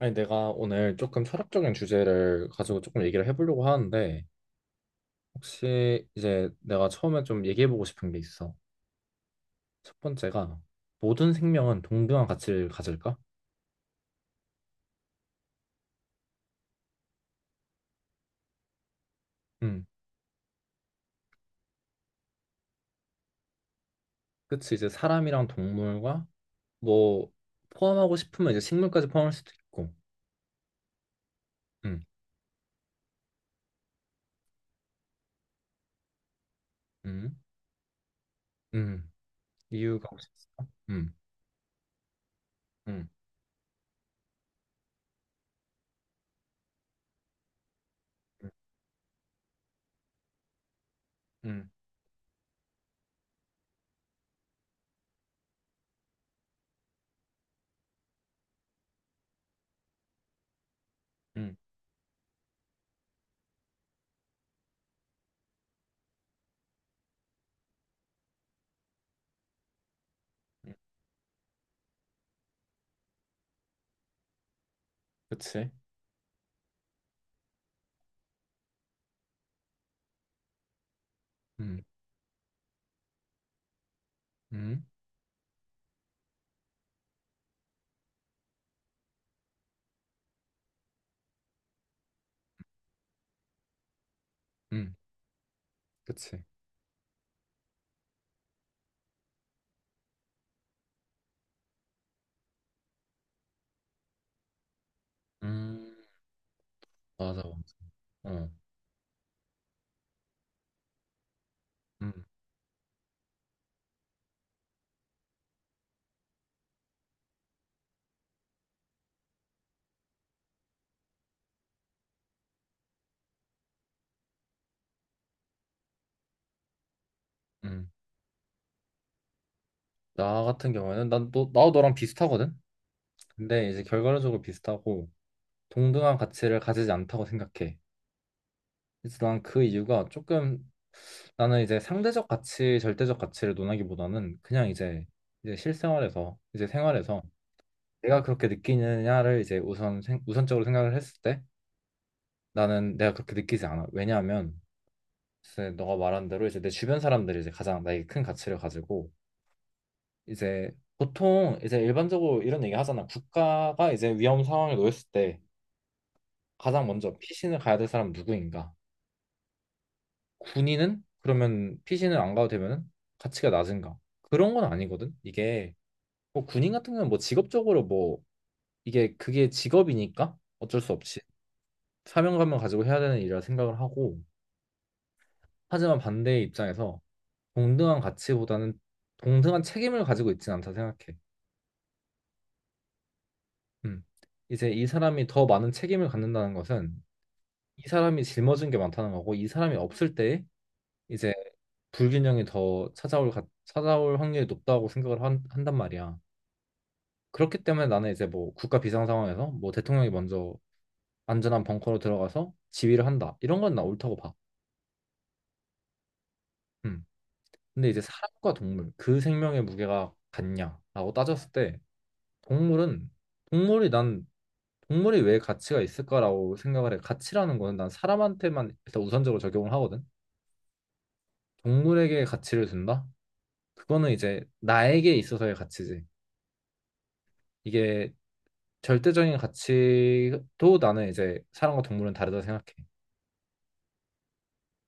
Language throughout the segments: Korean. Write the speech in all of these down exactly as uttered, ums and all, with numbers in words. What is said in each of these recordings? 아니, 내가 오늘 조금 철학적인 주제를 가지고 조금 얘기를 해보려고 하는데, 혹시 이제 내가 처음에 좀 얘기해보고 싶은 게 있어. 첫 번째가, 모든 생명은 동등한 가치를 가질까? 음. 그치, 이제 사람이랑 동물과 뭐, 포함하고 싶으면 이제 식물까지 포함할 수도 있고, 음. 음. 음. 이유가 혹시 있어까음. 음. 음. 음. 음. 음. 그치. 음. 음. 음. 그치. 음, 맞아, 맞아. 어. 음. 음. 나 같은 경우에는 난 너, 나도 너랑 비슷하거든. 근데 이제 결과론적으로 비슷하고 동등한 가치를 가지지 않다고 생각해. 그래서 난 그 이유가 조금, 나는 이제 상대적 가치, 절대적 가치를 논하기보다는 그냥 이제 이제 실생활에서 이제 생활에서 내가 그렇게 느끼느냐를 이제 우선 생- 우선적으로 생각을 했을 때 나는 내가 그렇게 느끼지 않아. 왜냐하면, 글쎄, 너가 말한 대로 이제 내 주변 사람들이 이제 가장 나에게 큰 가치를 가지고 이제 보통 이제 일반적으로 이런 얘기 하잖아. 국가가 이제 위험 상황에 놓였을 때 가장 먼저 피신을 가야 될 사람은 누구인가? 군인은 그러면 피신을 안 가도 되면은 가치가 낮은가? 그런 건 아니거든. 이게 뭐 군인 같은 경우는 뭐 직업적으로 뭐 이게 그게 직업이니까 어쩔 수 없이 사명감을 가지고 해야 되는 일이라 생각을 하고, 하지만 반대의 입장에서 동등한 가치보다는 동등한 책임을 가지고 있지는 않다 생각해. 음. 이제 이 사람이 더 많은 책임을 갖는다는 것은 이 사람이 짊어진 게 많다는 거고, 이 사람이 없을 때 이제 불균형이 더 찾아올 가- 찾아올 확률이 높다고 생각을 한, 한단 말이야. 그렇기 때문에 나는 이제 뭐 국가 비상 상황에서 뭐 대통령이 먼저 안전한 벙커로 들어가서 지휘를 한다, 이런 건 나 옳다고 봐. 음. 근데 이제 사람과 동물 그 생명의 무게가 같냐라고 따졌을 때, 동물은, 동물이 난 동물이 왜 가치가 있을까라고 생각을 해. 가치라는 거는 난 사람한테만 일단 우선적으로 적용을 하거든. 동물에게 가치를 준다? 그거는 이제 나에게 있어서의 가치지. 이게, 절대적인 가치도 나는 이제 사람과 동물은 다르다고 생각해.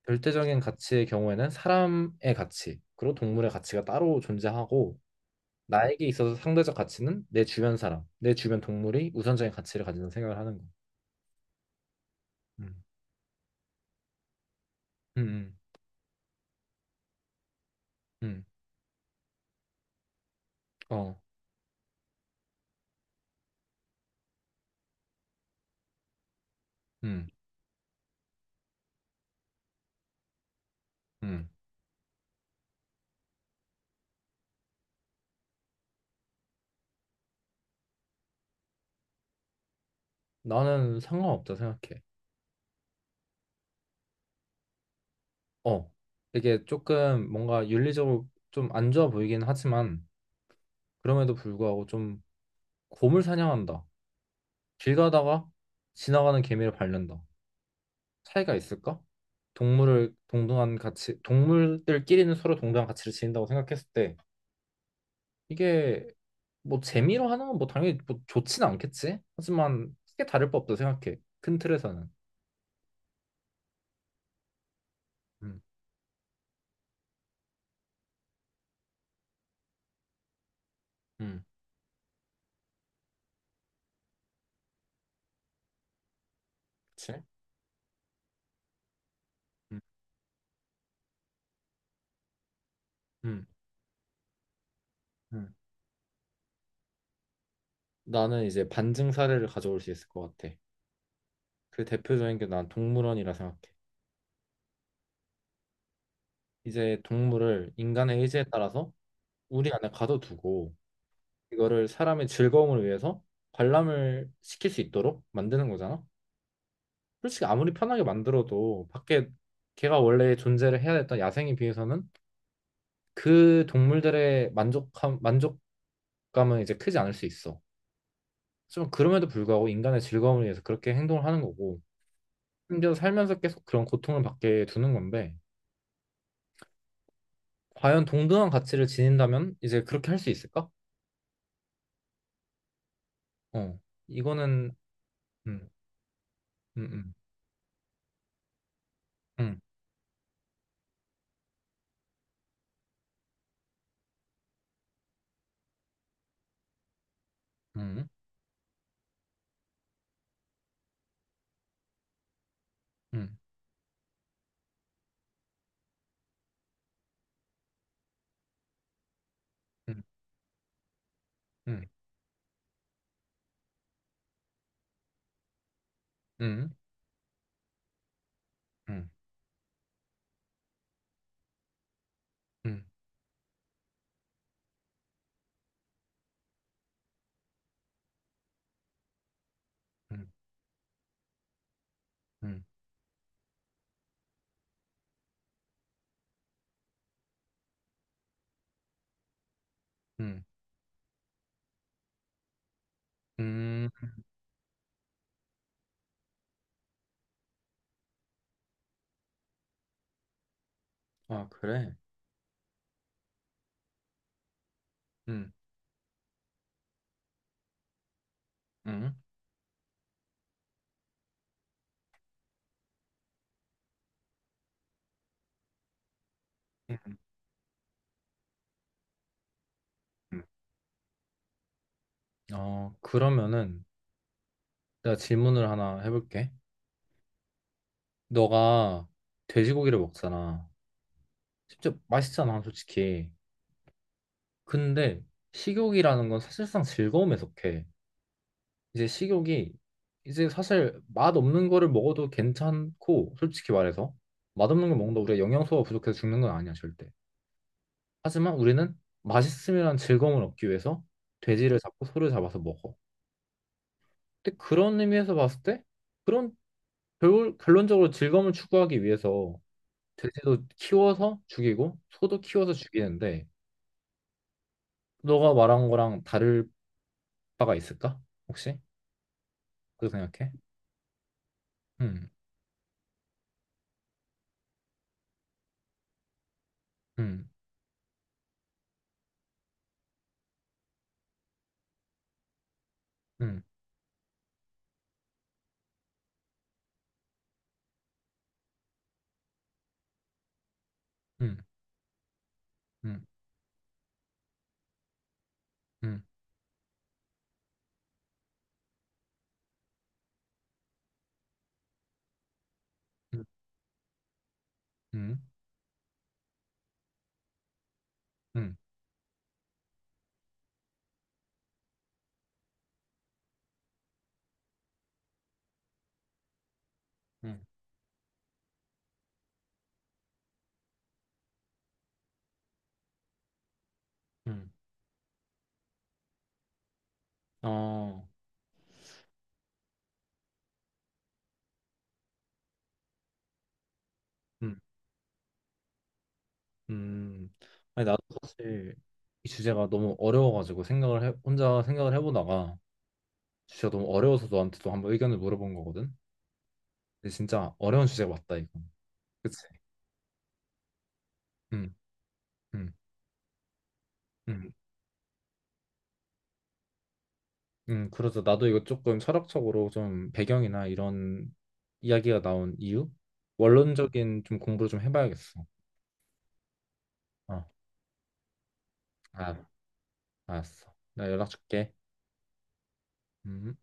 절대적인 가치의 경우에는 사람의 가치, 그리고 동물의 가치가 따로 존재하고, 나에게 있어서 상대적 가치는 내 주변 사람, 내 주변 동물이 우선적인 가치를 가진다고 생각을 하는 거. 음, 음, 음, 음. 어, 음, 음. 나는 상관없다 생각해. 어, 이게 조금 뭔가 윤리적으로 좀 안 좋아 보이긴 하지만, 그럼에도 불구하고 좀, 곰을 사냥한다. 길 가다가 지나가는 개미를 밟는다. 차이가 있을까? 동물을 동등한 가치, 동물들끼리는 서로 동등한 가치를 지닌다고 생각했을 때, 이게 뭐 재미로 하는 건 뭐 당연히 뭐 좋진 않겠지. 하지만 크게 다를 법도 생각해. 큰 틀에서는. 음, 음. 그치? 음, 음, 음. 나는 이제 반증 사례를 가져올 수 있을 것 같아. 그 대표적인 게 난 동물원이라 생각해. 이제 동물을 인간의 의지에 따라서 우리 안에 가둬두고, 이거를 사람의 즐거움을 위해서 관람을 시킬 수 있도록 만드는 거잖아. 솔직히 아무리 편하게 만들어도 밖에, 걔가 원래 존재를 해야 했던 야생에 비해서는 그 동물들의 만족함, 만족감은 이제 크지 않을 수 있어. 하지만 그럼에도 불구하고 인간의 즐거움을 위해서 그렇게 행동을 하는 거고, 심지어 살면서 계속 그런 고통을 받게 두는 건데, 과연 동등한 가치를 지닌다면 이제 그렇게 할 수 있을까? 어, 이거는, 음, 음, 음, 음, 음, 음, 음, 음, 음, 음. 음, 음, 음, 음, 음. 아, 그래? 음, 음, 음, 음. 어, 그러면은 내가 질문을 하나 해볼게. 너가 돼지고기를 먹잖아. 진짜 맛있잖아, 솔직히. 근데 식욕이라는 건 사실상 즐거움에 속해. 이제 식욕이, 이제 사실 맛없는 거를 먹어도 괜찮고, 솔직히 말해서 맛없는 걸 먹는다, 우리가 영양소가 부족해서 죽는 건 아니야, 절대. 하지만 우리는 맛있음이란 즐거움을 얻기 위해서 돼지를 잡고 소를 잡아서 먹어. 근데 그런 의미에서 봤을 때, 그런 결, 결론적으로 즐거움을 추구하기 위해서 돼지도 키워서 죽이고 소도 키워서 죽이는데, 너가 말한 거랑 다를 바가 있을까? 혹시? 그렇게 생각해? 음, 음, 음, 음, 음, 음, 음, 음, 음, 음, 음. 어, 음. 음, 아니 나도 사실 이 주제가 너무 어려워가지고 생각을 해, 혼자 생각을 해보다가 주제가 너무 어려워서 너한테도 한번 의견을 물어본 거거든. 근데 진짜 어려운 주제 가 맞다 이거. 그치? 음, 음, 음, 음. 그래서 나도 이거 조금 철학적으로 좀 배경이나 이런 이야기가 나온 이유, 원론적인 좀 공부를 좀 해봐야겠어. 어, 아, 알았어. 나 연락 줄게. 음.